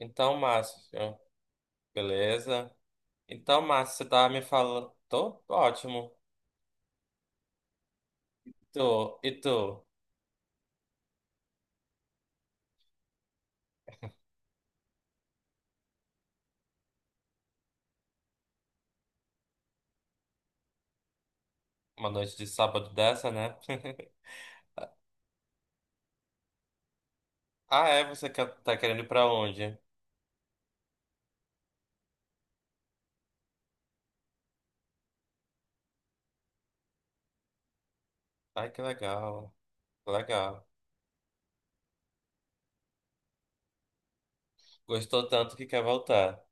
Então, Márcio, beleza? Então, Márcio, você tá me falando. Tô ótimo. Tô, e tu? Uma noite de sábado dessa, né? Ah, é? Tá querendo ir pra onde? Ai, que legal. Legal. Gostou tanto que quer voltar.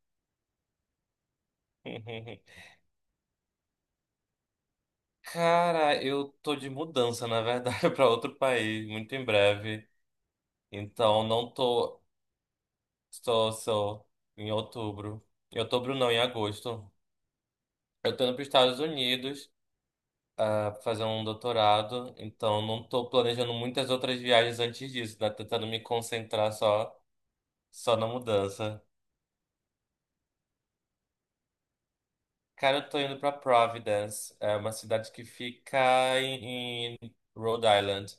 Cara, eu tô de mudança, na verdade, pra outro país, muito em breve. Então, não tô. Estou, só em outubro. Em outubro, não, em agosto. Eu tô indo pros Estados Unidos. Pra fazer um doutorado, então não estou planejando muitas outras viagens antes disso, né? Tentando me concentrar só na mudança. Cara, eu tô indo pra Providence, é uma cidade que fica em Rhode Island,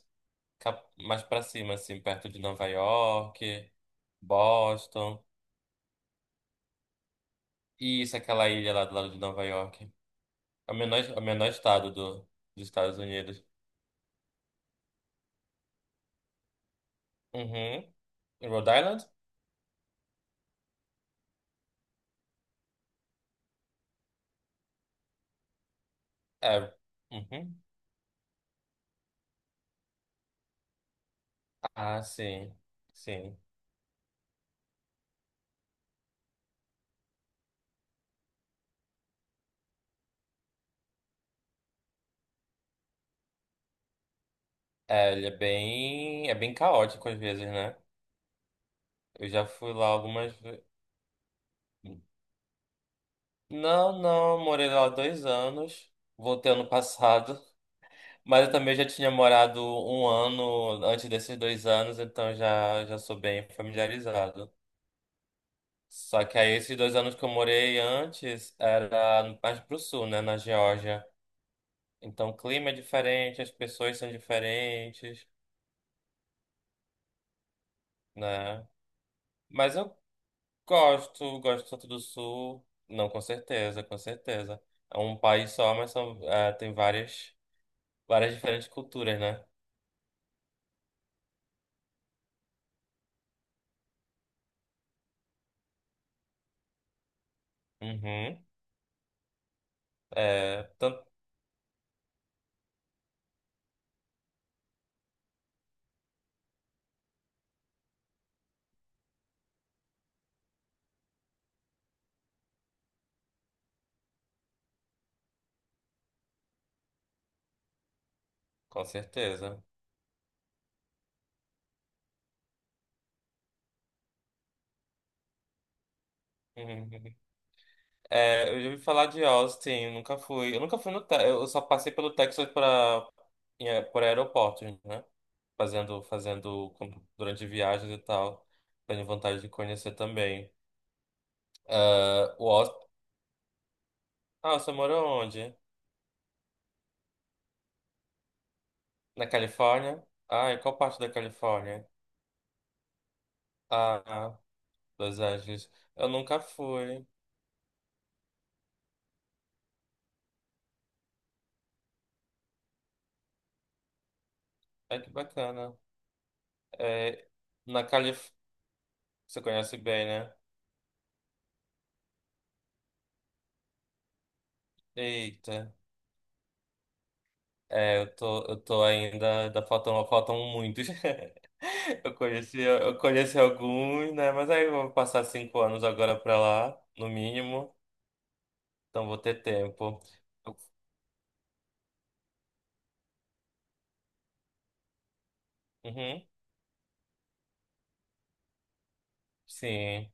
mais pra cima, assim, perto de Nova York, Boston. E isso, aquela ilha lá do lado de Nova York. É o menor estado dos Estados Unidos. Uhum. Em Rhode Island? É. Uhum. Ah, sim. Sim. É, ele é bem caótico às vezes, né? Eu já fui lá algumas vezes. Não, não, morei lá 2 anos. Voltei ano passado. Mas eu também já tinha morado um ano antes desses 2 anos, então já sou bem familiarizado. Só que aí esses 2 anos que eu morei antes era mais pro sul, né? Na Geórgia. Então o clima é diferente, as pessoas são diferentes, né? Mas eu gosto do Santo do Sul. Não, com certeza, com certeza. É um país só, mas são, tem várias diferentes culturas, né? Uhum. É, com certeza. Uhum. É, eu já ouvi falar de Austin, eu nunca fui. Eu nunca fui no Texas, eu só passei pelo Texas para por aeroportos, né? Fazendo durante viagens e tal. Tenho vontade de conhecer também. Ah, o Austin. Ah, você mora onde? Na Califórnia? Ah, e qual parte da Califórnia? Ah, Los Angeles. Eu nunca fui. Ai, que bacana. É, na Califórnia. Você conhece bem, né? Eita. É, eu tô Ainda faltam muitos. Eu conheci alguns, né? Mas aí eu vou passar 5 anos agora pra lá, no mínimo. Então vou ter tempo. Uhum, sim.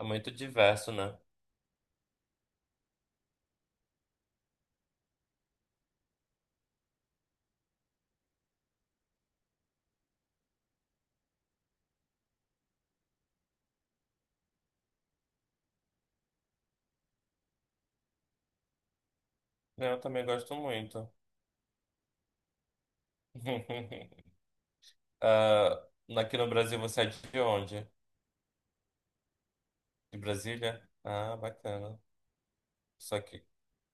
É muito diverso, né? Eu também gosto muito. Ah, aqui no Brasil você é de onde? De Brasília? Ah, bacana. Só que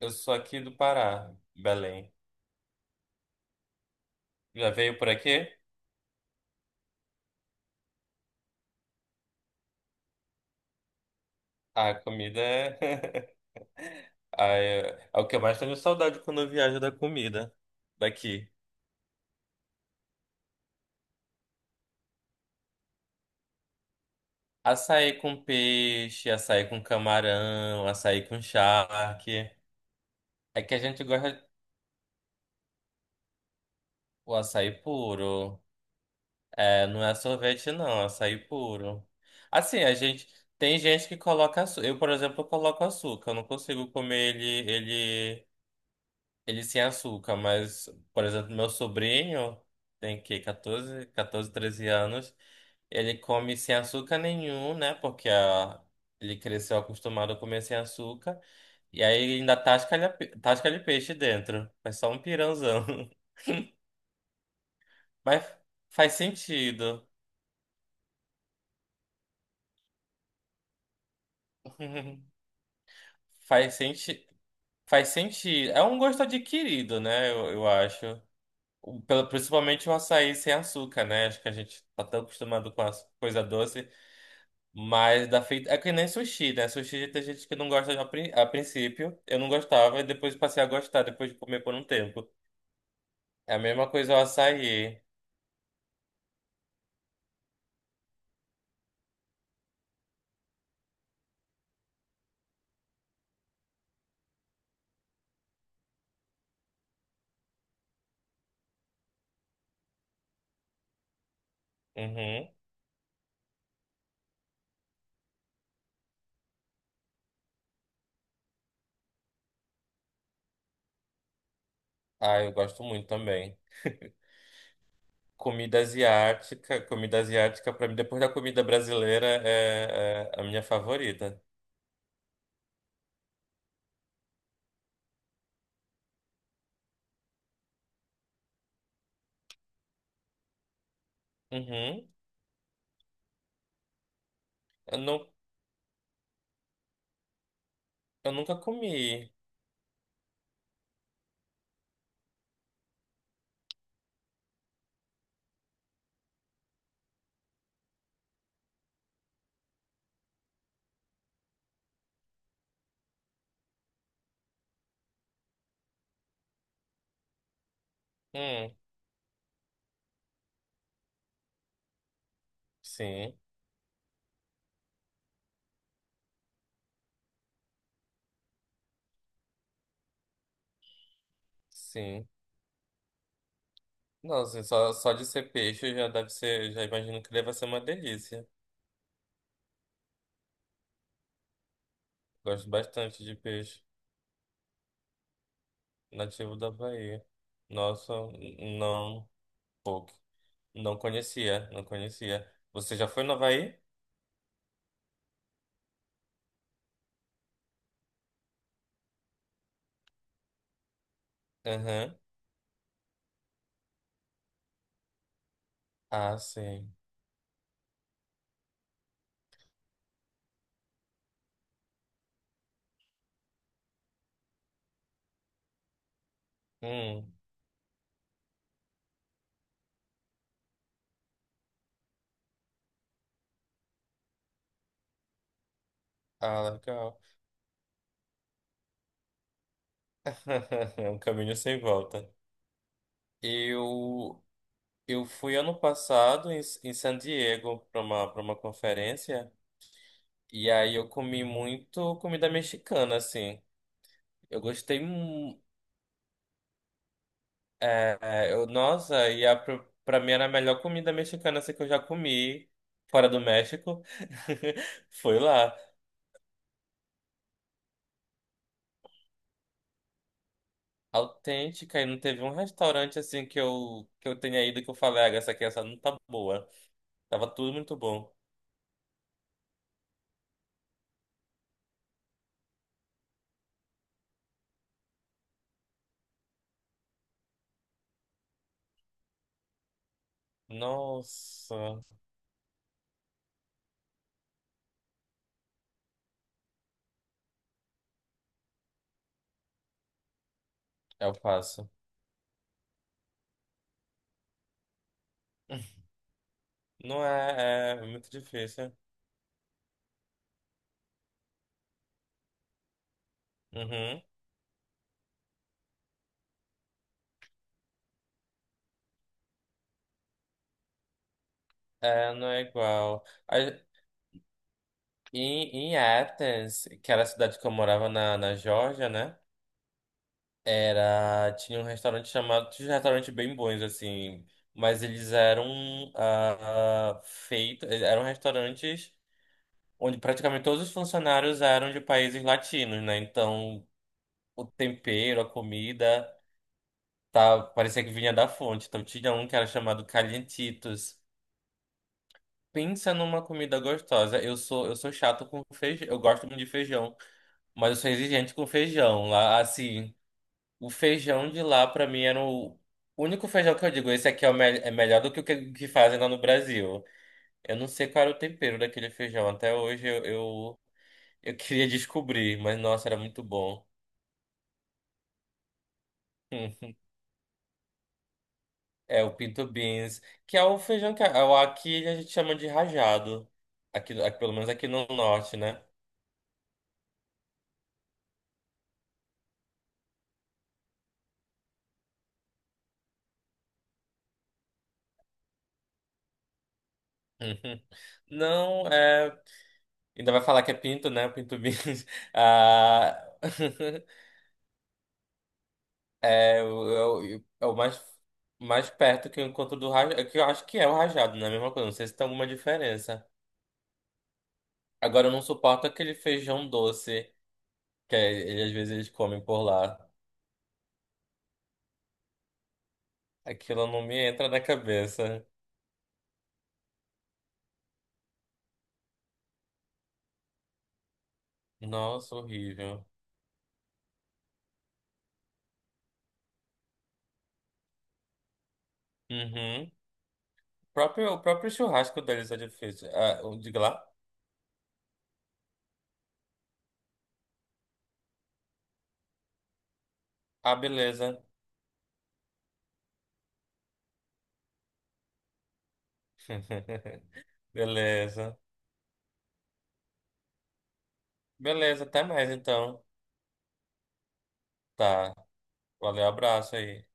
eu sou aqui do Pará, Belém. Já veio por aqui? Ah, a comida é. Ah, é o que eu mais tenho saudade quando eu viajo da comida daqui. Açaí com peixe, açaí com camarão, açaí com charque. É que a gente gosta o açaí puro. É, não é sorvete, não, é açaí puro. Assim, a gente. Tem gente que coloca açúcar. Eu, por exemplo, coloco açúcar. Eu não consigo comer ele sem açúcar. Mas, por exemplo, meu sobrinho tem que catorze 13 anos. Ele come sem açúcar nenhum, né? Porque ele cresceu acostumado a comer sem açúcar. E aí ele ainda tasca-lhe peixe dentro. Faz só um pirãozão. Mas faz sentido. Faz sentido. Faz sentido. É um gosto adquirido, né? Eu acho. Principalmente o açaí sem açúcar, né? Acho que a gente tá tão acostumado com a coisa doce, mas da feita. É que nem sushi, né? Sushi tem gente que não gosta a princípio. Eu não gostava e depois passei a gostar, depois de comer por um tempo. É a mesma coisa o açaí. Uhum. Ah, eu gosto muito também. Comida asiática. Comida asiática, pra mim, depois da comida brasileira, é a minha favorita. Uhum. Eu não, eu nunca comi. Hum, sim, sim. Não, assim, só de ser peixe já deve ser, já imagino que deve ser uma delícia. Gosto bastante de peixe nativo da Bahia. Nossa, não, pouco. Não conhecia, não conhecia. Você já foi no Havaí? Aham. Ah, sim. Hum, ah, legal. É um caminho sem volta. Eu, eu fui ano passado em, em San Diego para uma conferência. E aí eu comi muito comida mexicana, assim. Eu gostei. É, nossa, pra mim era a melhor comida mexicana assim, que eu já comi fora do México. Foi lá. Autêntica, e não teve um restaurante assim que eu tenha ido que eu falei, ah, essa aqui essa não tá boa. Tava tudo muito bom. Nossa, eu faço. Não é muito difícil. Uhum. É, não é igual. E em Athens, que era a cidade que eu morava na Geórgia, né? Tinha um restaurante bem bons, assim, mas eles eram eram restaurantes onde praticamente todos os funcionários eram de países latinos, né? Então, o tempero, a comida, tá, parecia que vinha da fonte. Então, tinha um que era chamado Calientitos. Pensa numa comida gostosa. Eu sou chato com feijão, eu gosto muito de feijão. Mas eu sou exigente com feijão lá. Assim, o feijão de lá pra mim era o único feijão que eu digo. Esse aqui é melhor do que o que fazem lá no Brasil. Eu não sei qual era o tempero daquele feijão. Até hoje eu queria descobrir, mas nossa, era muito bom. É o pinto beans, que é o feijão aqui a gente chama de rajado. Pelo menos aqui no norte, né? Uhum. Não, é. Ainda vai falar que é pinto, né? Pinto beans. Ah. É o mais perto que eu encontro do rajado, que eu acho que é o rajado, não é a mesma coisa, não sei se tem alguma diferença. Agora eu não suporto aquele feijão doce, que é, ele, às vezes eles comem por lá. Aquilo não me entra na cabeça. Nossa, horrível. Uhum. O próprio churrasco deles é difícil. Ah, diga lá. Ah, beleza. Beleza. Beleza, até mais então. Tá. Valeu, abraço aí.